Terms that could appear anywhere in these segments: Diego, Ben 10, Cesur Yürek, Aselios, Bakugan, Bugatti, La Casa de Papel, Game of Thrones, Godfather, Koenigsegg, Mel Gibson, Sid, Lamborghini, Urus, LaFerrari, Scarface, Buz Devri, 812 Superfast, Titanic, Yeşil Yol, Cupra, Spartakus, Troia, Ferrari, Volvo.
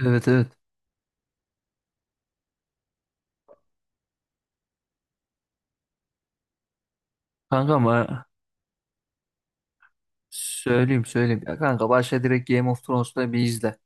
Evet evet. Kanka ama söyleyeyim söyleyeyim. Ya kanka başla direkt Game of Thrones'ta bir izle.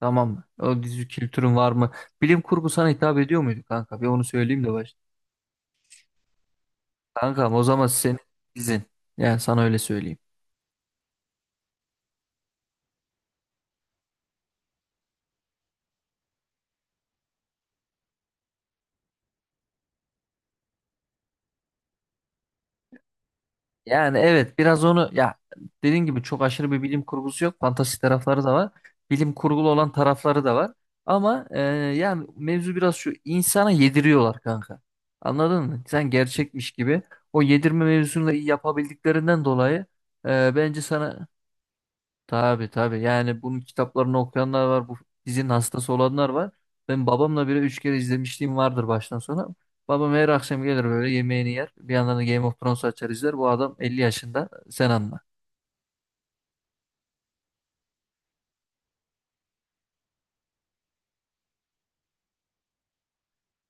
Tamam mı? O dizi kültürün var mı? Bilim kurgu sana hitap ediyor muydu kanka? Bir onu söyleyeyim de başla. Kankam o zaman senin dizin. Yani sana öyle söyleyeyim. Yani evet biraz onu ya dediğin gibi çok aşırı bir bilim kurgusu yok. Fantastik tarafları da var. Bilim kurgulu olan tarafları da var. Ama yani mevzu biraz şu insana yediriyorlar kanka. Anladın mı? Sen gerçekmiş gibi. O yedirme mevzusunu da iyi yapabildiklerinden dolayı, bence sana. Tabii tabii. Yani bunun kitaplarını okuyanlar var. Bu dizinin hastası olanlar var. Ben babamla bile 3 kere izlemişliğim vardır baştan sona. Babam her akşam gelir böyle yemeğini yer. Bir yandan da Game of Thrones açar izler. Bu adam 50 yaşında. Sen anla.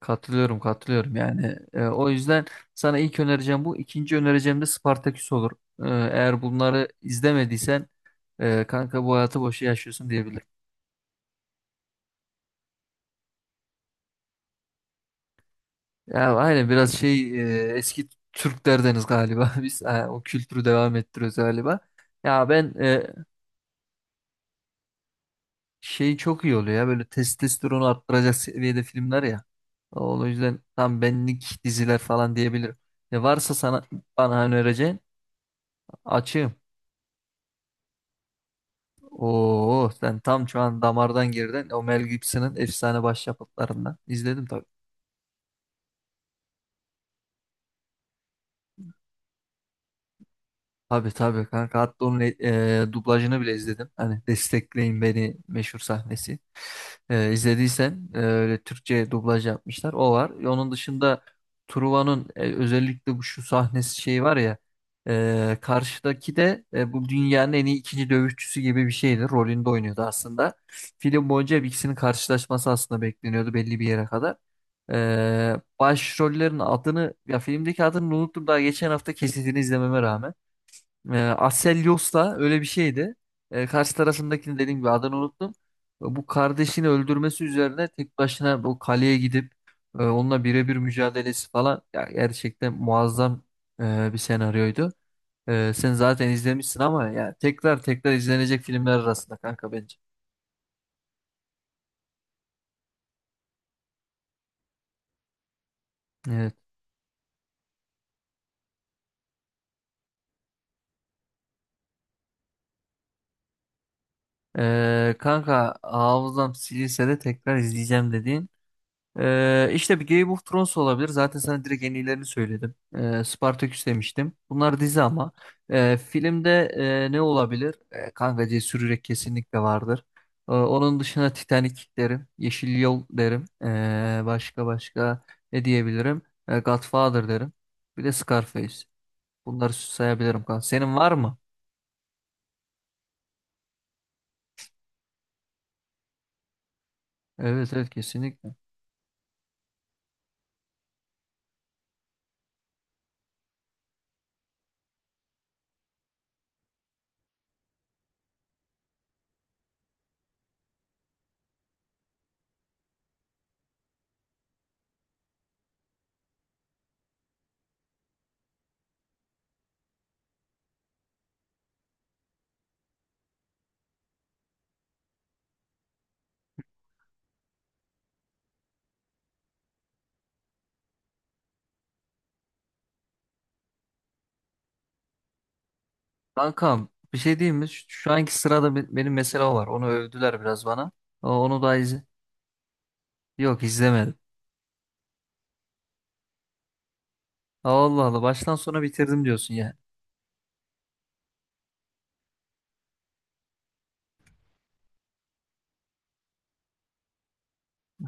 Katılıyorum katılıyorum yani. O yüzden sana ilk önereceğim bu. İkinci önereceğim de Spartaküs olur. Eğer bunları izlemediysen, kanka bu hayatı boşa yaşıyorsun diyebilirim. Ya aynen biraz şey, eski Türklerdeniz galiba biz ha, o kültürü devam ettiriyoruz galiba. Ya ben, şey çok iyi oluyor ya böyle testosteronu arttıracak seviyede filmler ya. O yüzden tam benlik diziler falan diyebilirim. Ne varsa sana bana önereceğin açığım. Oo, sen tam şu an damardan girdin. O Mel Gibson'ın efsane başyapıtlarından. İzledim tabii. Tabii tabii kanka, hatta onun dublajını bile izledim. Hani destekleyin beni meşhur sahnesi. İzlediysen öyle Türkçe dublaj yapmışlar. O var. Onun dışında Truva'nın, özellikle bu şu sahnesi şey var ya, karşıdaki de bu dünyanın en iyi ikinci dövüşçüsü gibi bir şeydi. Rolünde oynuyordu aslında. Film boyunca hep ikisinin karşılaşması aslında bekleniyordu belli bir yere kadar. Başrollerin adını, ya filmdeki adını unuttum daha geçen hafta kesitini izlememe rağmen. Aselios da öyle bir şeydi. Karşı tarafındakini dediğim gibi adını unuttum. Bu kardeşini öldürmesi üzerine tek başına bu kaleye gidip, onunla birebir mücadelesi falan ya, gerçekten muazzam bir senaryoydu. Sen zaten izlemişsin ama ya tekrar tekrar izlenecek filmler arasında kanka bence. Evet. Kanka, hafızam silinse de tekrar izleyeceğim dediğin, işte bir Game of Thrones olabilir. Zaten sana direkt en iyilerini söyledim. Spartaküs demiştim. Bunlar dizi ama. Filmde ne olabilir? Kanka, Cesur Yürek kesinlikle vardır. Onun dışında Titanic derim. Yeşil Yol derim. Başka başka ne diyebilirim? Godfather derim. Bir de Scarface. Bunları sayabilirim kanka. Senin var mı? Evet evet, kesinlikle. Kankam bir şey diyeyim mi? Şu anki sırada benim mesela var. Onu övdüler biraz bana. Onu da Yok, izlemedim. Allah Allah, baştan sona bitirdim diyorsun yani.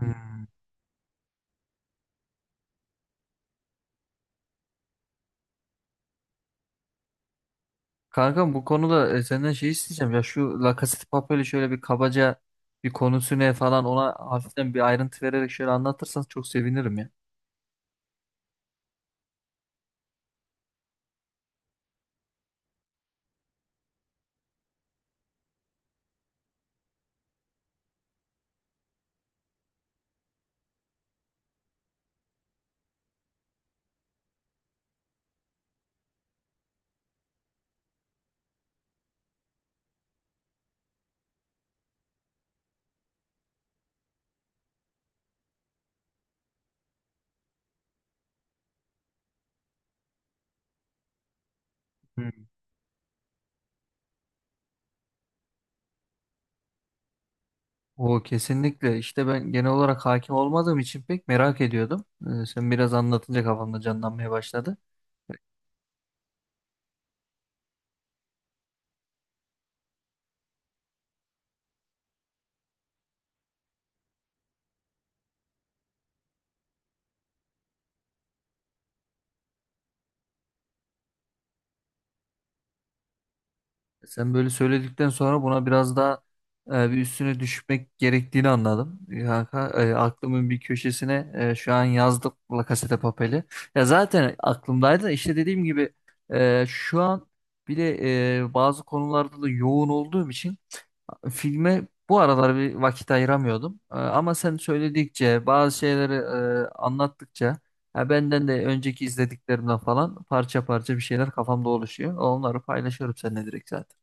Hmm. Kankam, bu konuda senden şey isteyeceğim, ya şu La Casa de Papel'i şöyle bir kabaca, bir konusu ne falan, ona hafiften bir ayrıntı vererek şöyle anlatırsan çok sevinirim ya. Hmm. O kesinlikle işte, ben genel olarak hakim olmadığım için pek merak ediyordum. Sen biraz anlatınca kafamda canlanmaya başladı. Sen böyle söyledikten sonra buna biraz daha bir üstüne düşmek gerektiğini anladım. Kanka, aklımın bir köşesine şu an yazdım La Casa de Papel'i. Ya zaten aklımdaydı da, işte dediğim gibi şu an bile bazı konularda da yoğun olduğum için filme bu aralar bir vakit ayıramıyordum. Ama sen söyledikçe bazı şeyleri, anlattıkça ya, benden de önceki izlediklerimden falan parça parça bir şeyler kafamda oluşuyor. Onları paylaşıyorum seninle direkt zaten.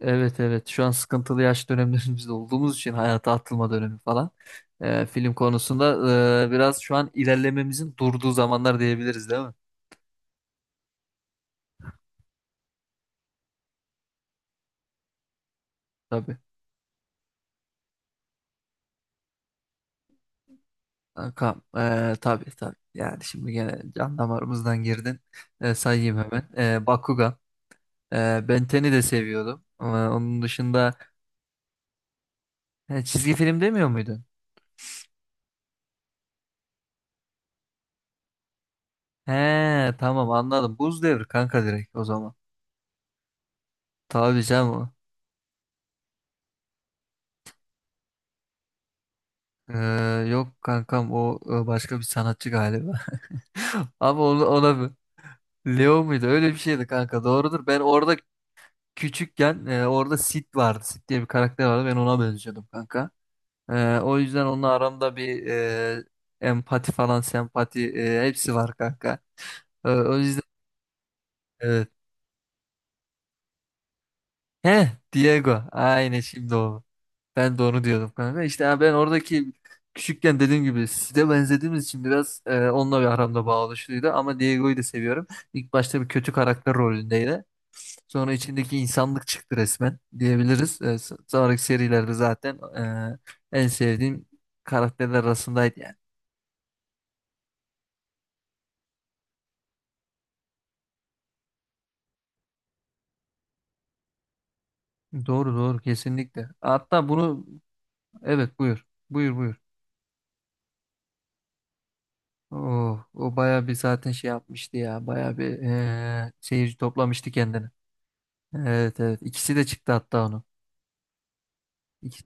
Evet evet, şu an sıkıntılı yaş dönemlerimizde olduğumuz için, hayata atılma dönemi falan, film konusunda biraz şu an ilerlememizin durduğu zamanlar diyebiliriz değil mi? Tabii. Kankam, tabii tabii. Yani şimdi gene can damarımızdan girdin. Sayayım hemen. Bakugan. E, Ben 10'i de seviyordum. Onun dışında, çizgi film demiyor muydun? He, tamam anladım. Buz Devri kanka, direkt o zaman. Tabii canım. E, Yok kankam, o başka bir sanatçı galiba. Ama ona mı? Leo muydu? Öyle bir şeydi kanka. Doğrudur. Ben orada küçükken orada Sid vardı. Sid diye bir karakter vardı. Ben ona benziyordum kanka. O yüzden onunla aramda bir empati falan, sempati, hepsi var kanka. O yüzden evet. He, Diego. Aynen şimdi o. Ben de onu diyordum kanka. İşte ha, ben oradaki küçükken dediğim gibi size benzediğimiz için biraz onunla bir aramda bağ. Ama Diego'yu da seviyorum. İlk başta bir kötü karakter rolündeydi. Sonra içindeki insanlık çıktı resmen diyebiliriz. Sonraki serilerde zaten en sevdiğim karakterler arasındaydı yani. Doğru doğru, kesinlikle. Hatta bunu. Evet buyur. Buyur buyur. Oh, o bayağı bir zaten şey yapmıştı ya. Bayağı bir seyirci toplamıştı kendini. Evet evet. İkisi de çıktı hatta onun. İki-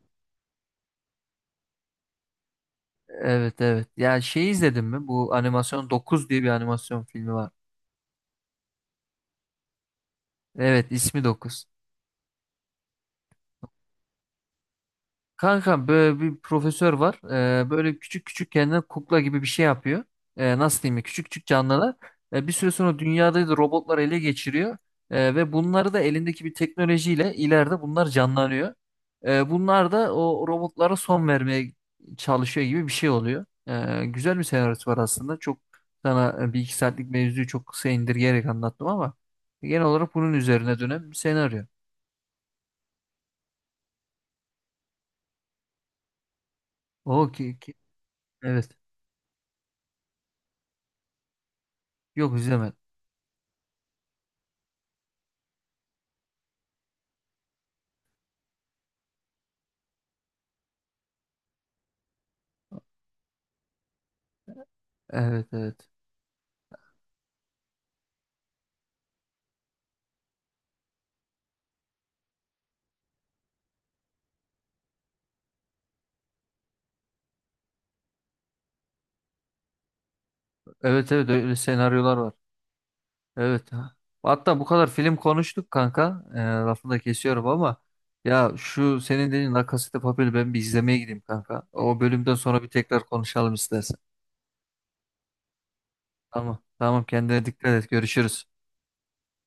Evet evet. Ya şey, izledin mi? Bu animasyon 9 diye bir animasyon filmi var. Evet, ismi 9. Kankam, böyle bir profesör var. Böyle küçük küçük kendine kukla gibi bir şey yapıyor. Nasıl diyeyim ya? Küçük küçük canlılar. Bir süre sonra dünyada da robotlar ele geçiriyor. Ve bunları da elindeki bir teknolojiyle ileride bunlar canlanıyor. Bunlar da o robotlara son vermeye çalışıyor gibi bir şey oluyor. Güzel bir senaryosu var aslında. Çok sana bir iki saatlik mevzuyu çok kısa indirgeyerek anlattım ama genel olarak bunun üzerine dönen bir senaryo. O ki, ki- evet. Yok, izlemedim. Evet evet. Evet evet, öyle senaryolar var. Evet. Ha. Hatta bu kadar film konuştuk kanka. Lafını da kesiyorum ama ya, şu senin dediğin La Casa de Papel'i ben bir izlemeye gideyim kanka. O bölümden sonra bir tekrar konuşalım istersen. Tamam. Tamam, kendine dikkat et. Görüşürüz.